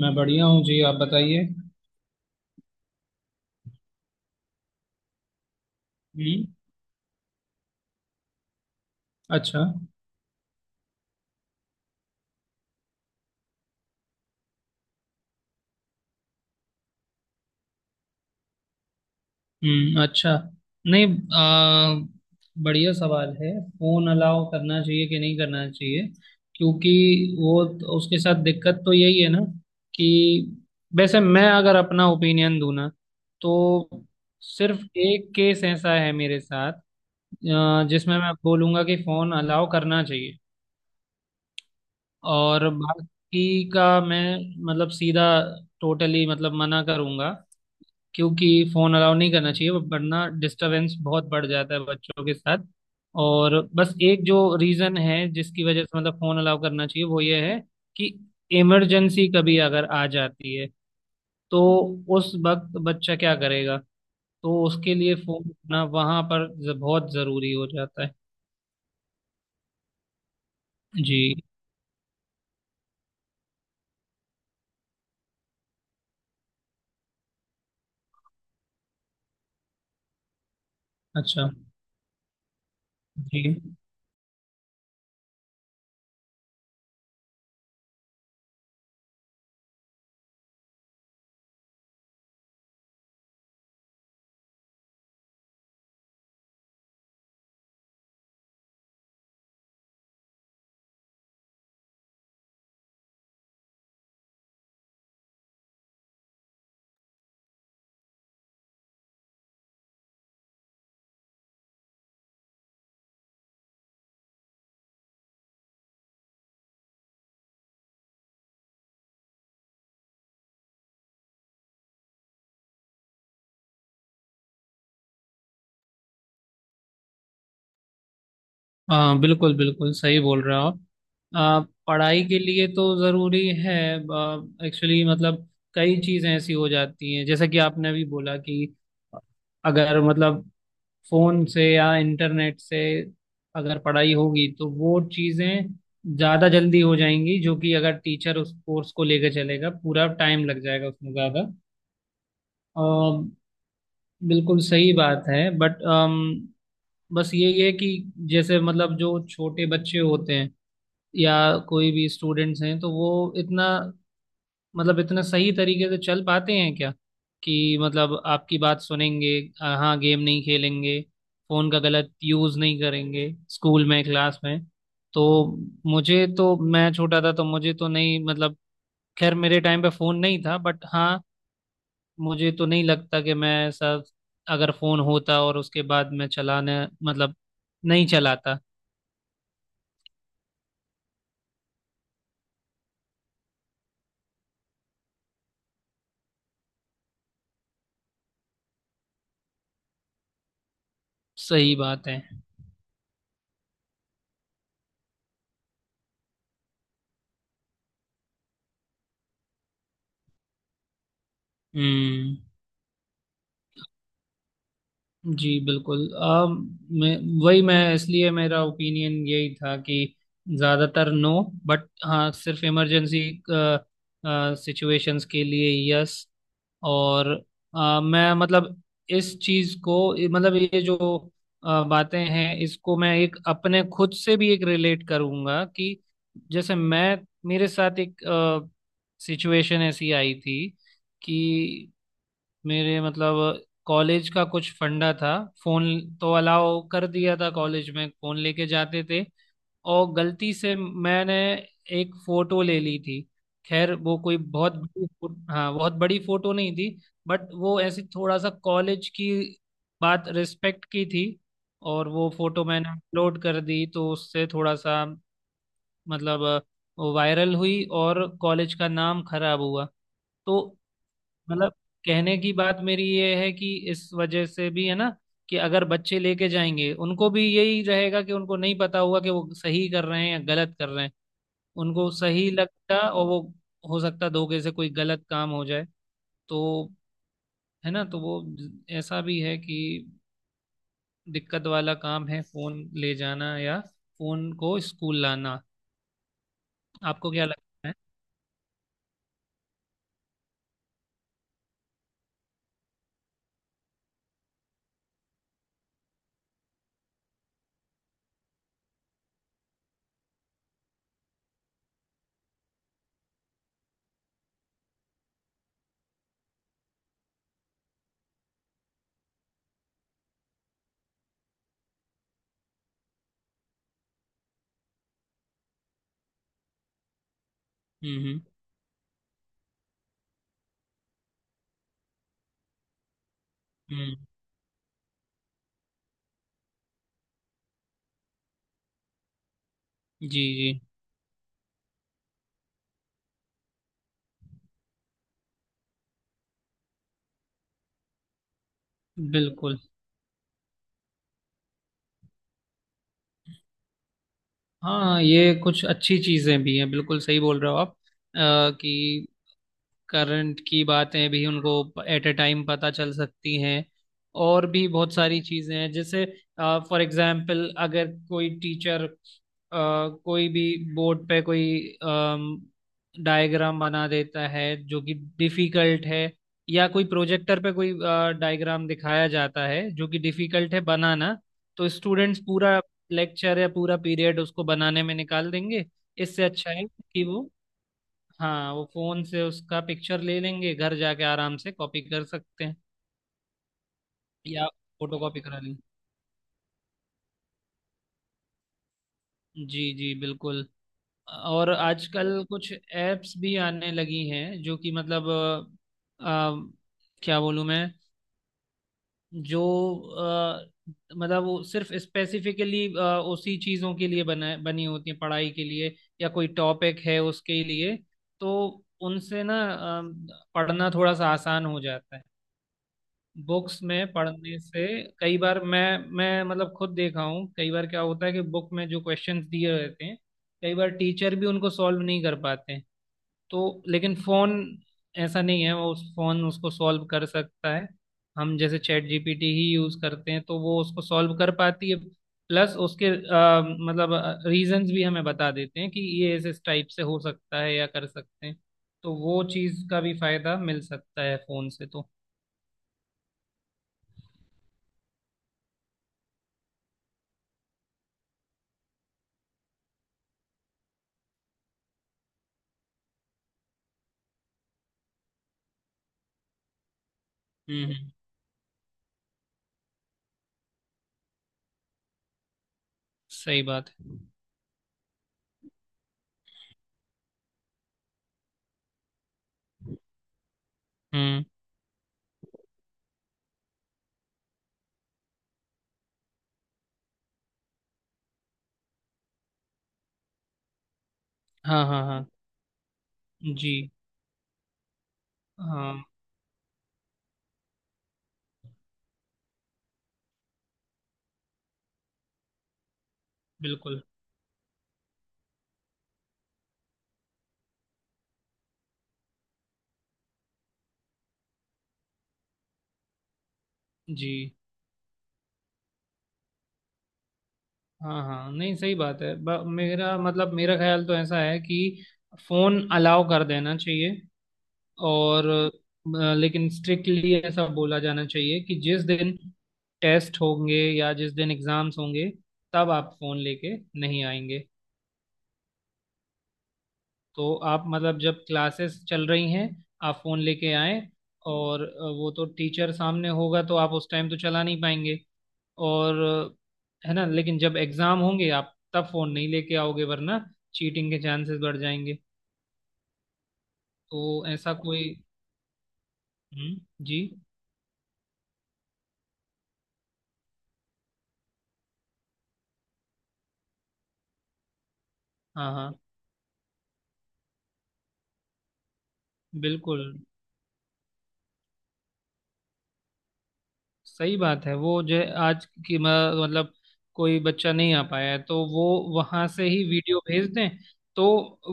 मैं बढ़िया हूँ जी। आप बताइए। हम्म। अच्छा। हम्म। अच्छा। नहीं। आ, बढ़िया सवाल है। फोन अलाउ करना चाहिए कि नहीं करना चाहिए, क्योंकि उसके साथ दिक्कत तो यही है ना कि वैसे मैं अगर अपना ओपिनियन दूं ना, तो सिर्फ एक केस ऐसा है मेरे साथ, जिसमें मैं बोलूंगा कि फोन अलाउ करना चाहिए। और बाकी का मैं मतलब सीधा, टोटली मतलब मना करूंगा, क्योंकि फोन अलाउ नहीं करना चाहिए, वरना डिस्टरबेंस बहुत बढ़ जाता है बच्चों के साथ। और बस एक जो रीजन है जिसकी वजह से मतलब फोन अलाउ करना चाहिए वो ये है कि इमरजेंसी कभी अगर आ जाती है, तो उस वक्त बच्चा क्या करेगा। तो उसके लिए फोन ना वहां पर बहुत जरूरी हो जाता है। जी। अच्छा। जी। हाँ बिल्कुल बिल्कुल सही बोल रहे हो आप। आ, पढ़ाई के लिए तो ज़रूरी है एक्चुअली। मतलब कई चीज़ें ऐसी हो जाती हैं, जैसा कि आपने अभी बोला कि अगर मतलब फ़ोन से या इंटरनेट से अगर पढ़ाई होगी तो वो चीज़ें ज़्यादा जल्दी हो जाएंगी, जो कि अगर टीचर उस कोर्स को लेकर चलेगा पूरा टाइम लग जाएगा उसमें ज़्यादा। अ, बिल्कुल सही बात है, बट बस ये है कि जैसे मतलब जो छोटे बच्चे होते हैं या कोई भी स्टूडेंट्स हैं, तो वो इतना मतलब इतना सही तरीके से चल पाते हैं क्या, कि मतलब आपकी बात सुनेंगे, हाँ गेम नहीं खेलेंगे, फोन का गलत यूज नहीं करेंगे स्कूल में क्लास में। तो मुझे तो मैं छोटा था तो मुझे तो नहीं मतलब, खैर मेरे टाइम पे फोन नहीं था, बट हाँ मुझे तो नहीं लगता कि मैं ऐसा, अगर फोन होता और उसके बाद मैं चलाने मतलब नहीं चलाता। सही बात है। हम्म। जी बिल्कुल। मैं वही, मैं इसलिए मेरा ओपिनियन यही था कि ज़्यादातर नो, बट हाँ सिर्फ इमरजेंसी सिचुएशंस के लिए यस। और मैं मतलब इस चीज़ को, मतलब ये जो बातें हैं इसको मैं एक अपने खुद से भी एक रिलेट करूँगा कि जैसे मैं, मेरे साथ एक सिचुएशन ऐसी आई थी कि मेरे मतलब कॉलेज का कुछ फंडा था, फोन तो अलाउ कर दिया था, कॉलेज में फोन लेके जाते थे। और गलती से मैंने एक फोटो ले ली थी, खैर वो कोई हाँ बहुत बड़ी फोटो नहीं थी, बट वो ऐसी थोड़ा सा कॉलेज की बात रिस्पेक्ट की थी, और वो फोटो मैंने अपलोड कर दी, तो उससे थोड़ा सा मतलब वायरल हुई और कॉलेज का नाम खराब हुआ। तो मतलब कहने की बात मेरी ये है कि इस वजह से भी है ना कि अगर बच्चे लेके जाएंगे उनको भी यही रहेगा कि उनको नहीं पता होगा कि वो सही कर रहे हैं या गलत कर रहे हैं, उनको सही लगता और वो हो सकता धोखे से कोई गलत काम हो जाए। तो है ना, तो वो ऐसा भी है कि दिक्कत वाला काम है फोन ले जाना या फोन को स्कूल लाना। आपको क्या लगता है? हम्म। हम्म। हम्म। जी जी बिल्कुल। हाँ, ये कुछ अच्छी चीजें भी हैं, बिल्कुल सही बोल रहे हो आप। कि करंट की बातें भी उनको एट ए टाइम पता चल सकती हैं। और भी बहुत सारी चीजें हैं, जैसे फॉर एग्जाम्पल अगर कोई टीचर, कोई भी, बोर्ड पे कोई डायग्राम बना देता है जो कि डिफिकल्ट है, या कोई प्रोजेक्टर पे कोई डायग्राम दिखाया जाता है जो कि डिफिकल्ट है बनाना, तो स्टूडेंट्स पूरा लेक्चर या पूरा पीरियड उसको बनाने में निकाल देंगे। इससे अच्छा है कि वो, हाँ वो फोन से उसका पिक्चर ले लेंगे, घर जाके आराम से कॉपी कर सकते हैं, या फोटो कॉपी करा लेंगे। जी जी बिल्कुल। और आजकल कुछ एप्स भी आने लगी हैं जो कि मतलब क्या बोलूँ मैं, जो अ, मतलब वो सिर्फ स्पेसिफिकली उसी चीज़ों के लिए बना बनी होती है, पढ़ाई के लिए या कोई टॉपिक है उसके लिए। तो उनसे ना पढ़ना थोड़ा सा आसान हो जाता है बुक्स में पढ़ने से। कई बार मैं मतलब खुद देखा हूँ, कई बार क्या होता है कि बुक में जो क्वेश्चंस दिए रहते हैं कई बार टीचर भी उनको सॉल्व नहीं कर पाते हैं। तो लेकिन फोन ऐसा नहीं है, वो उस फोन उसको सॉल्व कर सकता है। हम जैसे चैट जीपीटी ही यूज करते हैं, तो वो उसको सॉल्व कर पाती है। प्लस उसके मतलब रीजंस भी हमें बता देते हैं कि ये इस टाइप से हो सकता है या कर सकते हैं। तो वो चीज़ का भी फायदा मिल सकता है फोन से तो। हम्म हम्म, सही बात है। हम्म। हाँ हाँ हाँ। जी। हाँ बिल्कुल। जी। हाँ हाँ, नहीं सही बात है। मेरा मतलब मेरा ख्याल तो ऐसा है कि फोन अलाउ कर देना चाहिए। और लेकिन स्ट्रिक्टली ऐसा बोला जाना चाहिए कि जिस दिन टेस्ट होंगे या जिस दिन एग्जाम्स होंगे, तब आप फोन लेके नहीं आएंगे। तो आप मतलब जब क्लासेस चल रही हैं आप फोन लेके आए, और वो तो टीचर सामने होगा तो आप उस टाइम तो चला नहीं पाएंगे। और है ना, लेकिन जब एग्जाम होंगे आप तब फोन नहीं लेके आओगे, वरना चीटिंग के चांसेस बढ़ जाएंगे। तो ऐसा कोई। हम्म। जी। हाँ हाँ बिल्कुल सही बात है। वो जो है आज की मतलब कोई बच्चा नहीं आ पाया है तो वो वहां से ही वीडियो भेज दें, तो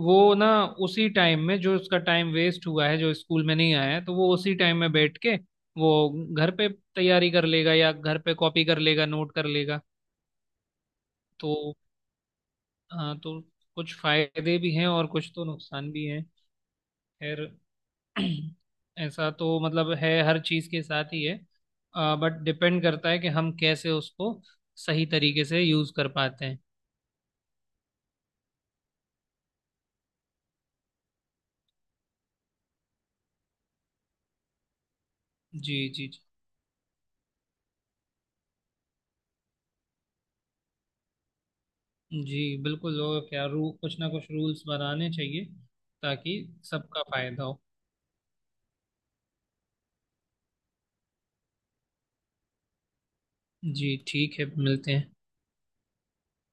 वो ना उसी टाइम में, जो उसका टाइम वेस्ट हुआ है, जो स्कूल में नहीं आया है, तो वो उसी टाइम में बैठ के वो घर पे तैयारी कर लेगा, या घर पे कॉपी कर लेगा, नोट कर लेगा। तो हाँ, तो कुछ फायदे भी हैं और कुछ तो नुकसान भी हैं। खैर ऐसा तो मतलब है, हर चीज़ के साथ ही है। बट डिपेंड करता है कि हम कैसे उसको सही तरीके से यूज़ कर पाते हैं। जी जी जी। जी बिल्कुल। और क्या रू कुछ ना कुछ रूल्स बनाने चाहिए, ताकि सबका फायदा हो। जी ठीक है, मिलते हैं।